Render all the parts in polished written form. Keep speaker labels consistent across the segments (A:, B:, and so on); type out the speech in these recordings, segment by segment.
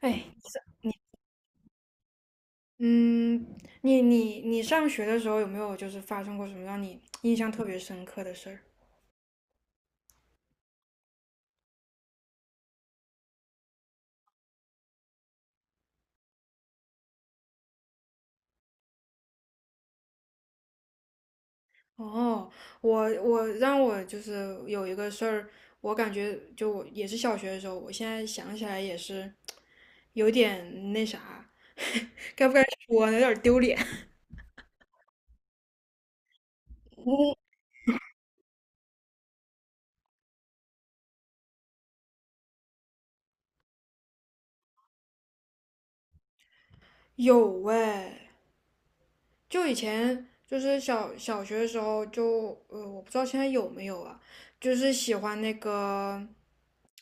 A: 哎，嗯，你上学的时候有没有发生过什么让你印象特别深刻的事儿？哦，我让我就是有一个事儿，我感觉我也是小学的时候，我现在想起来也是有点那啥，该不该说呢？有点儿丢脸。有哎。以前就是小学的时候就，我不知道现在有没有啊，就是喜欢那个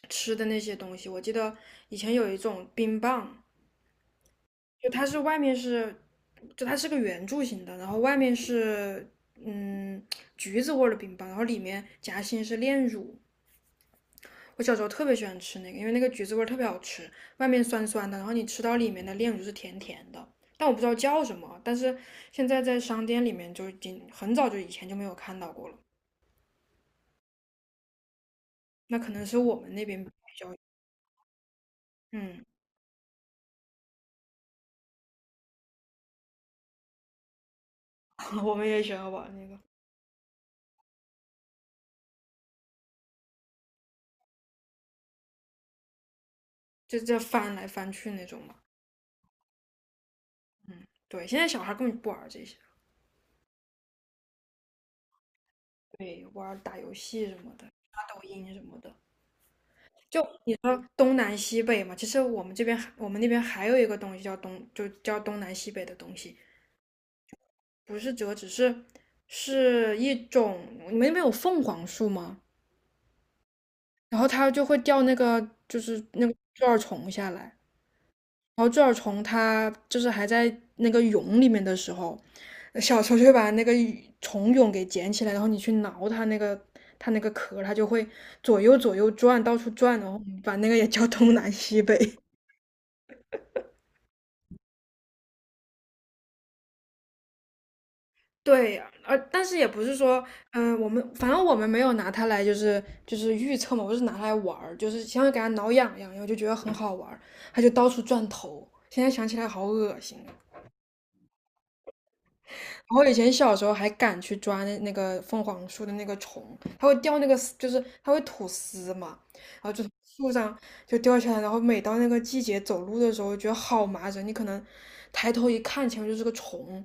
A: 吃的那些东西。我记得以前有一种冰棒，就它是外面是，就它是个圆柱形的，然后外面是嗯橘子味儿的冰棒，然后里面夹心是炼乳。我小时候特别喜欢吃那个，因为那个橘子味儿特别好吃，外面酸酸的，然后你吃到里面的炼乳是甜甜的，但我不知道叫什么啊，但是现在在商店里面就已经很早就以前就没有看到过了，那可能是我们那边比较，嗯。我们也喜欢玩那个，就这翻来翻去那种嘛，嗯，对，现在小孩根本不玩这些那什么的。就你说东南西北嘛，其实我们那边还有一个东西叫东，就叫东南西北的东西，不是折纸，是一种。你们那边有凤凰树吗？然后它就会掉那个那个猪耳虫下来，然后猪耳虫它就是还在那个蛹里面的时候，呃小球就会把那个虫蛹给捡起来，然后你去挠它那个它那个壳，它就会左右左右转，到处转，然后把那个也叫东南西北。对，但是也不是说，嗯、我们没有拿它来预测嘛，我是拿它来玩儿，就是想给它挠痒痒，然后就觉得很好玩儿，它就到处转头。现在想起来好恶心啊。然后以前小时候还敢去抓那个凤凰树的那个虫，它会掉那个丝，就是它会吐丝嘛，然后就从树上就掉下来，然后每到那个季节走路的时候，觉得好麻人。你可能抬头一看，前面就是个虫，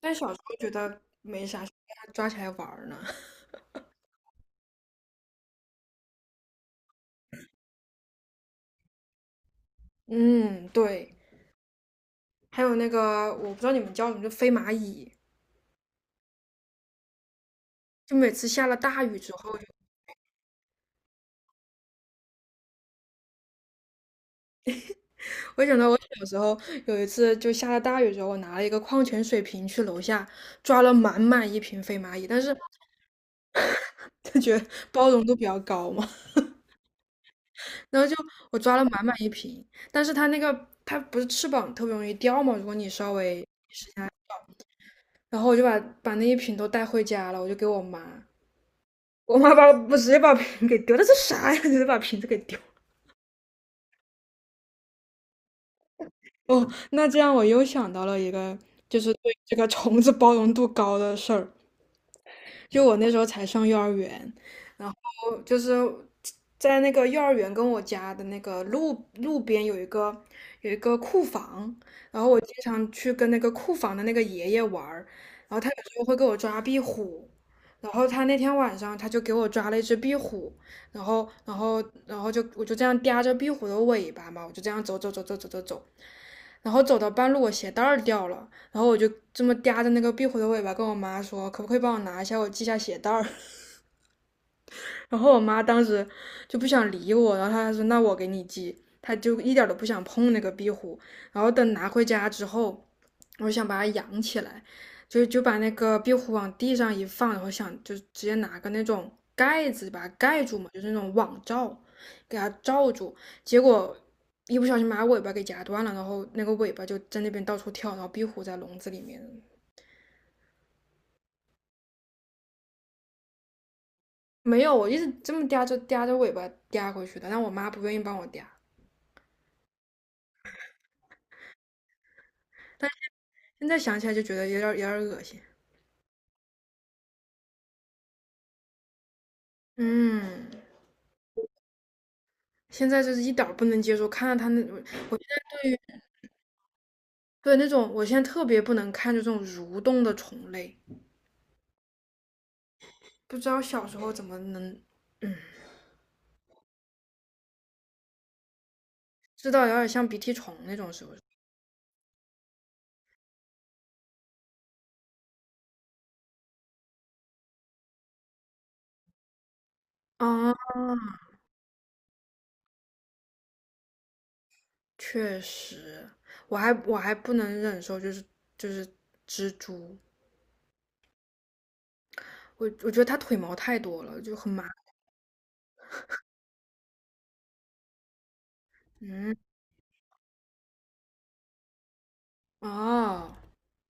A: 但小时候觉得没啥，给它抓起来玩儿呢。嗯，对。还有那个我不知道你们叫什么，就飞蚂蚁，就每次下了大雨之后，我想到我小时候有一次就下了大雨之后，我拿了一个矿泉水瓶去楼下抓了满满一瓶飞蚂蚁，但是就觉得包容度比较高嘛，然后就我抓了满满一瓶，但是它那个它不是翅膀特别容易掉嘛，如果你稍微，然后我就把那一瓶都带回家了，我就给我妈，我妈直接把瓶给丢了，这啥呀？直接把瓶子给丢。哦，那这样我又想到了一个，就是对这个虫子包容度高的事儿。就我那时候才上幼儿园，然后就是在那个幼儿园跟我家的那个路边有一个库房，然后我经常去跟那个库房的那个爷爷玩儿，然后他有时候会给我抓壁虎。然后他那天晚上他就给我抓了一只壁虎，然后我就这样叼着壁虎的尾巴嘛，我就这样走走走走走走走，然后走到半路我鞋带儿掉了，然后我就这么嗲着那个壁虎的尾巴跟我妈说，可不可以帮我拿一下，我系下鞋带儿。然后我妈当时就不想理我，然后她说：“那我给你寄。”她就一点都不想碰那个壁虎。然后等拿回家之后，我想把它养起来，就把那个壁虎往地上一放，然后想就直接拿个那种盖子把它盖住嘛，就是那种网罩，给它罩住。结果一不小心把它尾巴给夹断了，然后那个尾巴就在那边到处跳，然后壁虎在笼子里面。没有，我一直这么嗲着尾巴嗲回去的，但我妈不愿意帮我嗲。现在想起来就觉得有点恶心。嗯，现在就是一点儿不能接受，看到它那，我现在对那种，我现在特别不能看就这种蠕动的虫类，不知道小时候怎么能。知道，有点像鼻涕虫那种是不是？啊，确实。我还不能忍受就是蜘蛛，我觉得它腿毛太多了，就很麻烦。嗯，哦。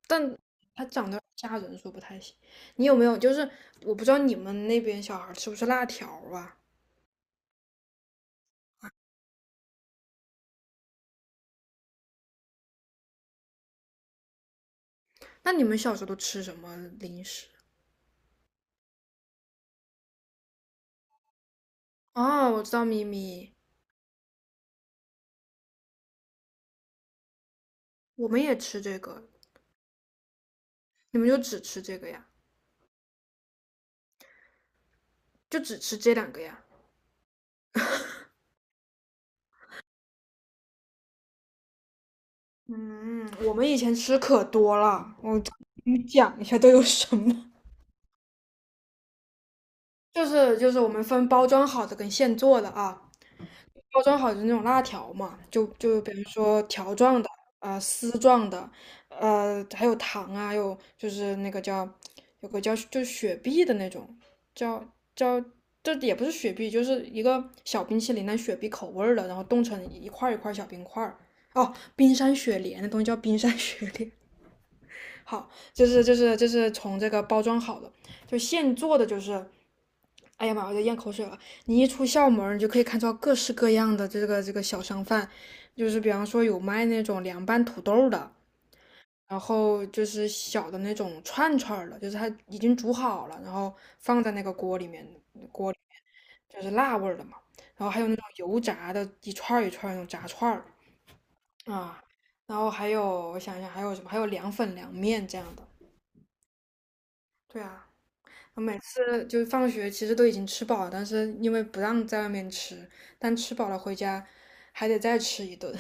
A: 但它长得吓人，说不太行。你有没有就是我不知道你们那边小孩吃不吃辣条啊？那你们小时候都吃什么零食？哦，我知道咪咪，我们也吃这个，你们就只吃这个呀？就只吃这两个呀？嗯，我们以前吃可多了，我给你讲一下都有什么。就是我们分包装好的跟现做的啊，包装好的那种辣条嘛，就比如说条状的啊、丝状的，呃，还有糖啊，还有就是那个叫就是雪碧的那种，叫叫这也不是雪碧，就是一个小冰淇淋，但雪碧口味儿的，然后冻成一块儿一块儿小冰块儿。哦，冰山雪莲，那东西叫冰山雪莲。好，就是从这个包装好的，就现做的，就是，哎呀妈，我在咽口水了。你一出校门你就可以看到各式各样的这个小商贩，就是比方说有卖那种凉拌土豆的，然后就是小的那种串串的，就是它已经煮好了，然后放在那个锅里面，锅里面就是辣味儿的嘛。然后还有那种油炸的，一串儿一串儿那种炸串儿啊，然后还有我想一想还有什么，还有凉粉、凉面这样的。对啊，我每次就放学其实都已经吃饱了，但是因为不让在外面吃，但吃饱了回家还得再吃一顿，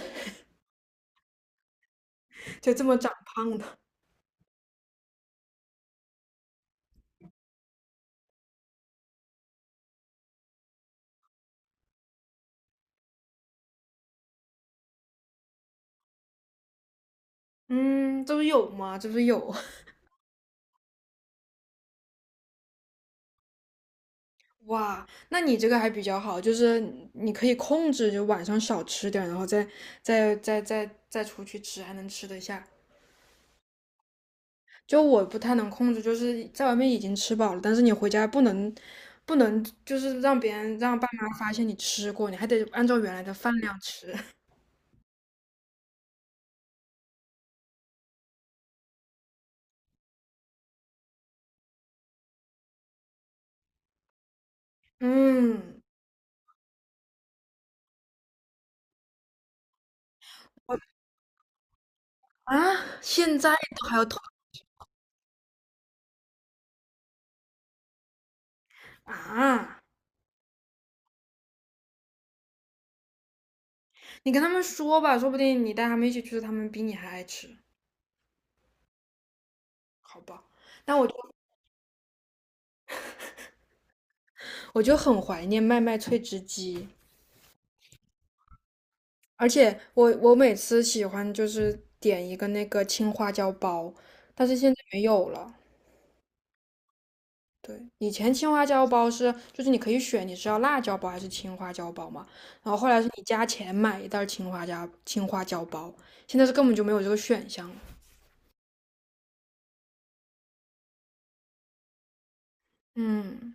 A: 就这么长胖的。嗯，这不是有吗？这不是有。哇，那你这个还比较好，就是你可以控制，就晚上少吃点儿然后再再出去吃，还能吃得下。就我不太能控制，就是在外面已经吃饱了，但是你回家不能，就是让别人让爸妈发现你吃过，你还得按照原来的饭量吃。嗯。啊，现在都还要团啊？你跟他们说吧，说不定你带他们一起去，他们比你还爱吃，好吧？但我就我就很怀念麦麦脆汁鸡，我每次喜欢就是点一个那个青花椒包，但是现在没有了。对，以前青花椒包是就是你可以选你是要辣椒包还是青花椒包嘛，然后后来是你加钱买一袋青花椒包，现在是根本就没有这个选项了。嗯。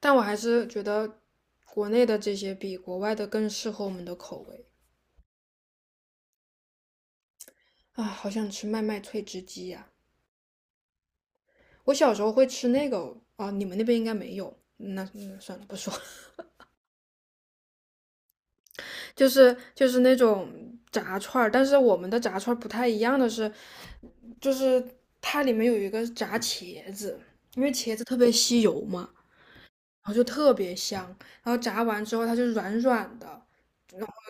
A: 但我还是觉得国内的这些比国外的更适合我们的口味。啊！好想吃麦麦脆汁鸡呀、啊。我小时候会吃那个啊，你们那边应该没有。那那算了，不说。就是那种炸串儿，但是我们的炸串儿不太一样的是，就是它里面有一个炸茄子，因为茄子特别吸油嘛，然后就特别香。然后炸完之后它就软软的，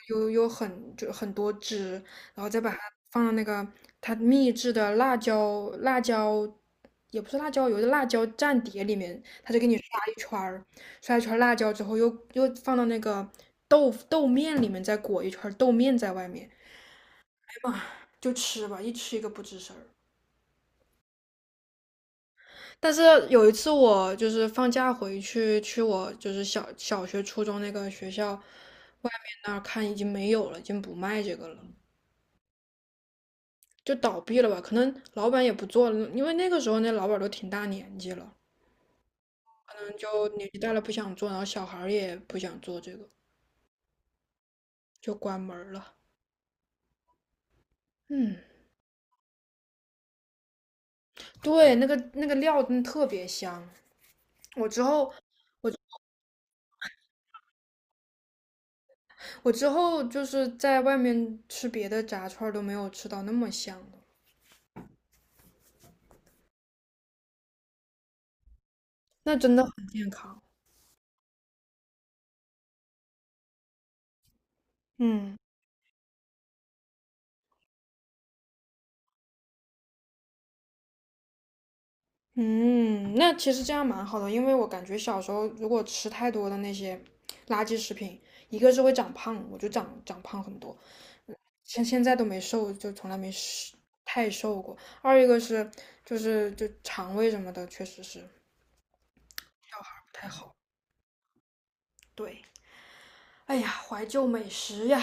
A: 有很多汁，然后再把它放到那个它秘制的辣椒，也不是辣椒油的辣椒蘸碟里面，它就给你刷一圈儿，刷一圈儿辣椒之后又放到那个豆面里面，再裹一圈儿豆面在外面，哎妈，就吃吧，一吃一个不吱声儿。但是有一次我就是放假回去我就是小学初中那个学校外面那儿看已经没有了，已经不卖这个了。就倒闭了吧，可能老板也不做了，因为那个时候那老板都挺大年纪了，嗯，就年纪大了不想做，然后小孩儿也不想做这个，就关门儿了。嗯，对，那个那个料真的特别香，我之后我我之后就是在外面吃别的炸串儿都没有吃到那么香的，那真的很健康。嗯嗯，那其实这样蛮好的，因为我感觉小时候如果吃太多的那些垃圾食品，一个是会长胖，我就长胖很多。像现在都没瘦，就从来没瘦太瘦过。二一个是就肠胃什么的，确实是不太好。对，哎呀，怀旧美食呀，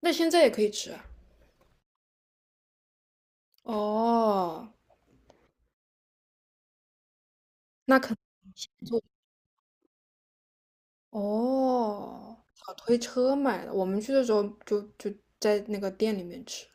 A: 那现在也可以吃啊。哦，那可能就哦，小推车买的，我们去的时候就在那个店里面吃。